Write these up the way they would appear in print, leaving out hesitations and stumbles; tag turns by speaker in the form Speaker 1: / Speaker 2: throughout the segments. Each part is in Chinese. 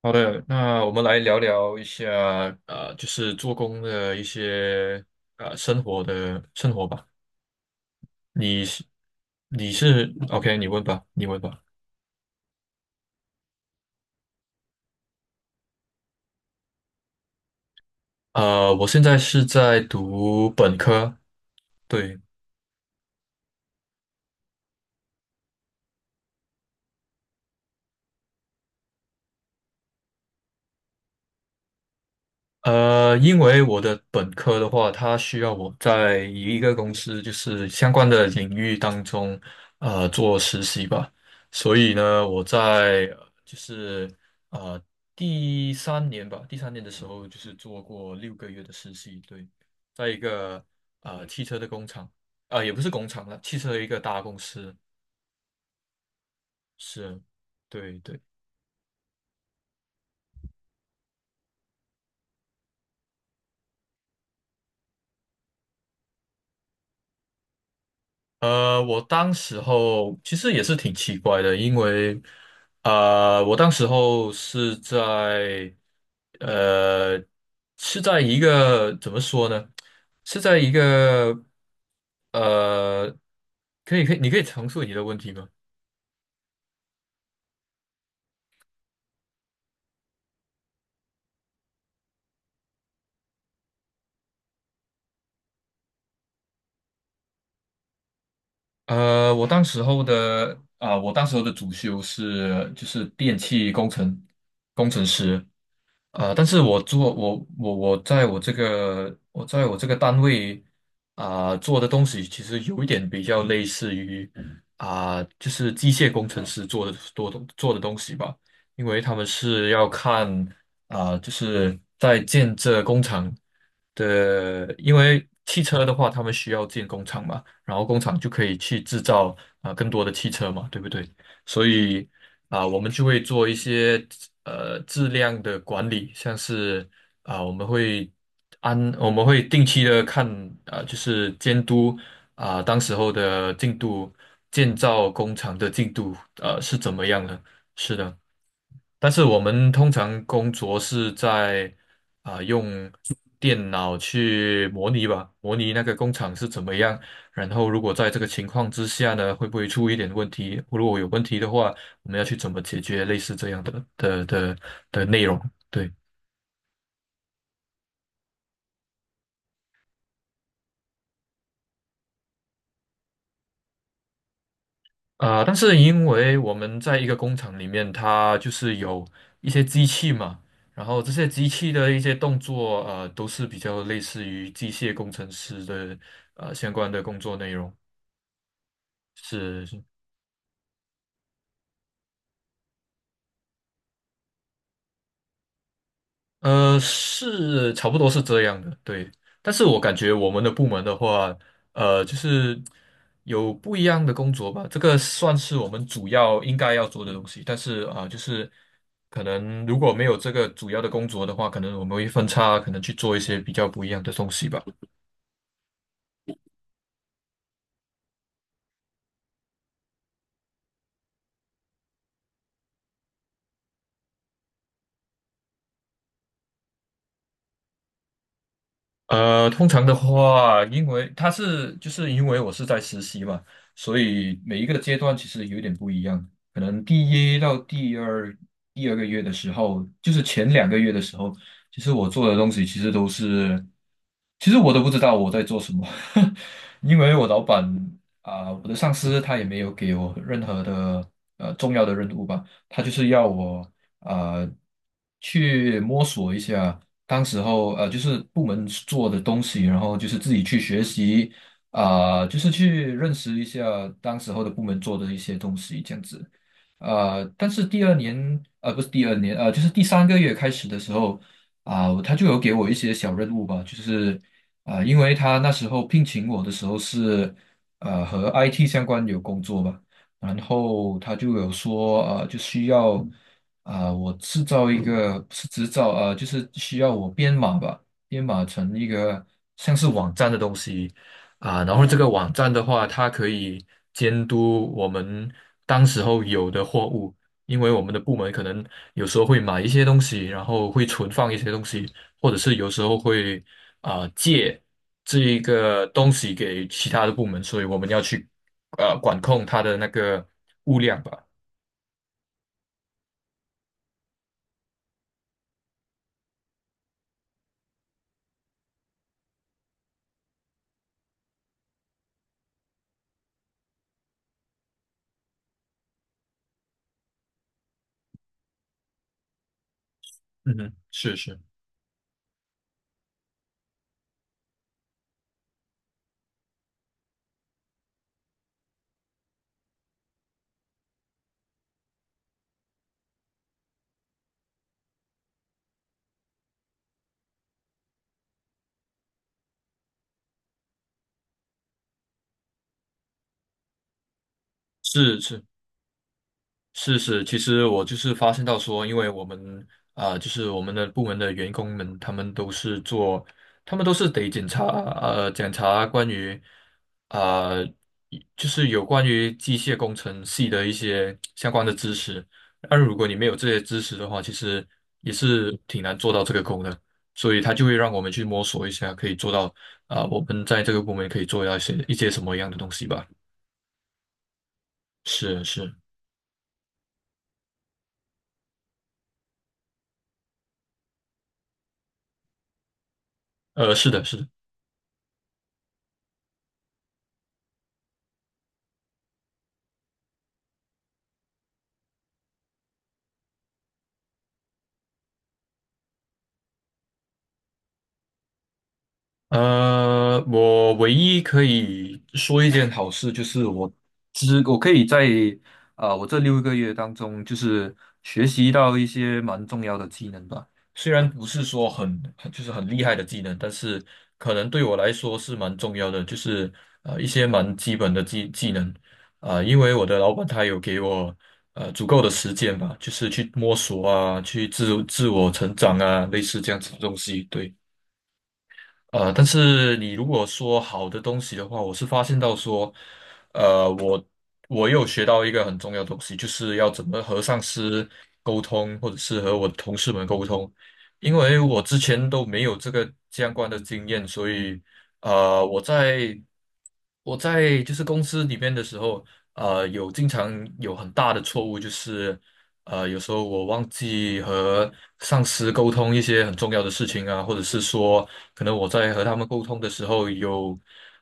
Speaker 1: 好的，那我们来聊聊一下，就是做工的一些生活的生活吧。你是你是 OK，你问吧。我现在是在读本科，对。因为我的本科的话，它需要我在一个公司就是相关的领域当中，做实习吧。所以呢，我在就是呃第三年吧，第三年的时候就是做过六个月的实习，对，在一个汽车的工厂，也不是工厂了，汽车的一个大公司，是，对对。我当时候其实也是挺奇怪的，因为我当时候是在呃是在一个怎么说呢？是在一个呃，可以可以，你可以重述你的问题吗？我当时候的我当时候的主修是就是电气工程工程师，但是我做我在我这个我在我这个单位做的东西，其实有一点比较类似于就是机械工程师做的多的做的东西吧，因为他们是要看就是在建这工厂的，因为汽车的话，他们需要建工厂嘛，然后工厂就可以去制造更多的汽车嘛，对不对？所以我们就会做一些质量的管理，像是我们会我们会定期的看就是监督当时候的进度，建造工厂的进度是怎么样的？是的。但是我们通常工作是在用电脑去模拟吧，模拟那个工厂是怎么样。然后如果在这个情况之下呢，会不会出一点问题？如果有问题的话，我们要去怎么解决类似这样的的内容？对。但是因为我们在一个工厂里面，它就是有一些机器嘛，然后这些机器的一些动作，都是比较类似于机械工程师的相关的工作内容。是。是差不多是这样的，对。但是我感觉我们的部门的话，就是有不一样的工作吧。这个算是我们主要应该要做的东西。但是就是可能如果没有这个主要的工作的话，可能我们会分叉，可能去做一些比较不一样的东西吧。通常的话，因为他是就是因为我是在实习嘛，所以每一个阶段其实有点不一样。可能第一到第二个月的时候，就是前两个月的时候，其实我做的东西其实都是，其实我都不知道我在做什么，因为我老板我的上司他也没有给我任何的重要的任务吧，他就是要我啊去摸索一下。当时候就是部门做的东西，然后就是自己去学习，就是去认识一下当时候的部门做的一些东西，这样子。但是第二年，不是第二年，就是第三个月开始的时候，他就有给我一些小任务吧，就是因为他那时候聘请我的时候是和 IT 相关有工作吧，然后他就有说，就需要。我制造一个不是制造就是需要我编码吧，编码成一个像是网站的东西然后这个网站的话，它可以监督我们当时候有的货物，因为我们的部门可能有时候会买一些东西，然后会存放一些东西，或者是有时候会借这一个东西给其他的部门，所以我们要去管控它的那个物量吧。嗯哼，是是。是是，是，其实我就是发现到说，因为我们就是我们的部门的员工们，他们都是做，他们都是得检查检查关于啊、就是有关于机械工程系的一些相关的知识。但如果你没有这些知识的话，其实也是挺难做到这个功的。所以他就会让我们去摸索一下，可以做到我们在这个部门可以做到一些什么样的东西吧。是是。是的，是的。我唯一可以说一件好事就是我，我可以在我这六个月当中，就是学习到一些蛮重要的技能吧。虽然不是说很就是很厉害的技能，但是可能对我来说是蛮重要的，就是一些蛮基本的技能因为我的老板他有给我足够的时间吧，就是去摸索啊，去自我成长啊，类似这样子的东西，对。但是你如果说好的东西的话，我是发现到说，呃，我我有学到一个很重要的东西，就是要怎么和上司沟通，或者是和我的同事们沟通，因为我之前都没有这个相关的经验，所以呃，我在我在就是公司里面的时候，有经常有很大的错误，就是有时候我忘记和上司沟通一些很重要的事情啊，或者是说。可能我在和他们沟通的时候有，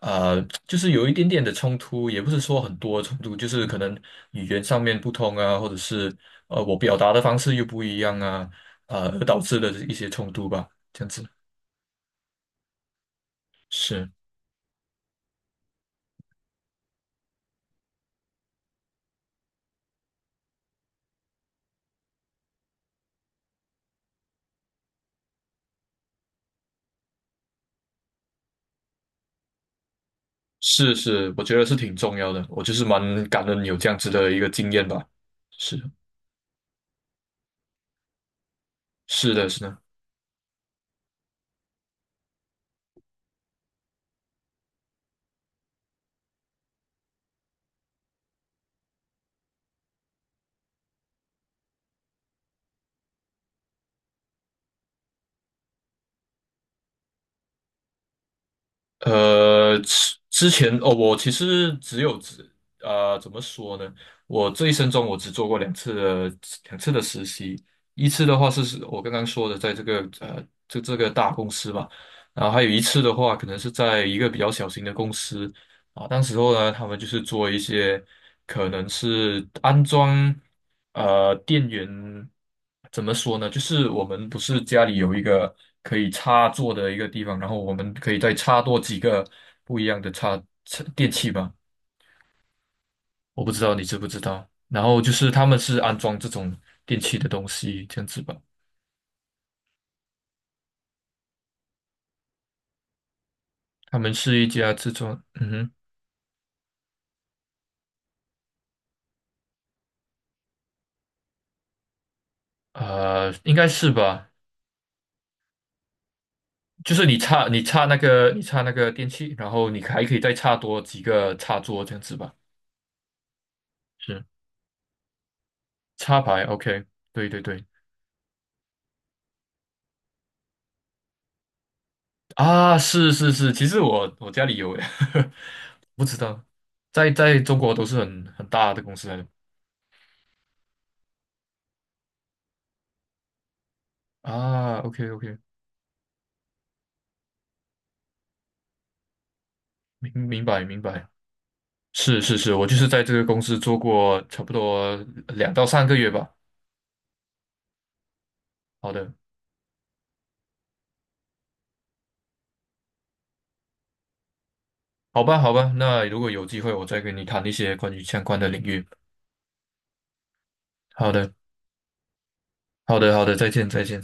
Speaker 1: 呃，就是有一点点的冲突，也不是说很多冲突，就是可能语言上面不通啊，或者是我表达的方式又不一样啊，而导致的一些冲突吧，这样子。是是是，我觉得是挺重要的，我就是蛮感恩有这样子的一个经验吧。是。是的，是的。之前哦，我其实只有只怎么说呢？我这一生中我只做过两次的实习，一次的话是我刚刚说的，在这个这个大公司吧，然后还有一次的话，可能是在一个比较小型的公司当时候呢，他们就是做一些可能是安装。电源怎么说呢？就是我们不是家里有一个可以插座的一个地方，然后我们可以再插多几个不一样的插电器吧。我不知道你知不知道。然后就是他们是安装这种电器的东西，这样子吧。他们是一家制作，嗯哼。应该是吧。就是你插那个电器，然后你还可以再插多几个插座，这样子吧。是插排，OK，对对对。啊，是是是，其实我我家里有诶，不知道，在在中国都是很大的公司来的啊。OK OK，明明白明白，是是是，我就是在这个公司做过差不多两到三个月吧。好的。好吧好吧，那如果有机会，我再跟你谈一些关于相关的领域。好的好的好的，再见再见。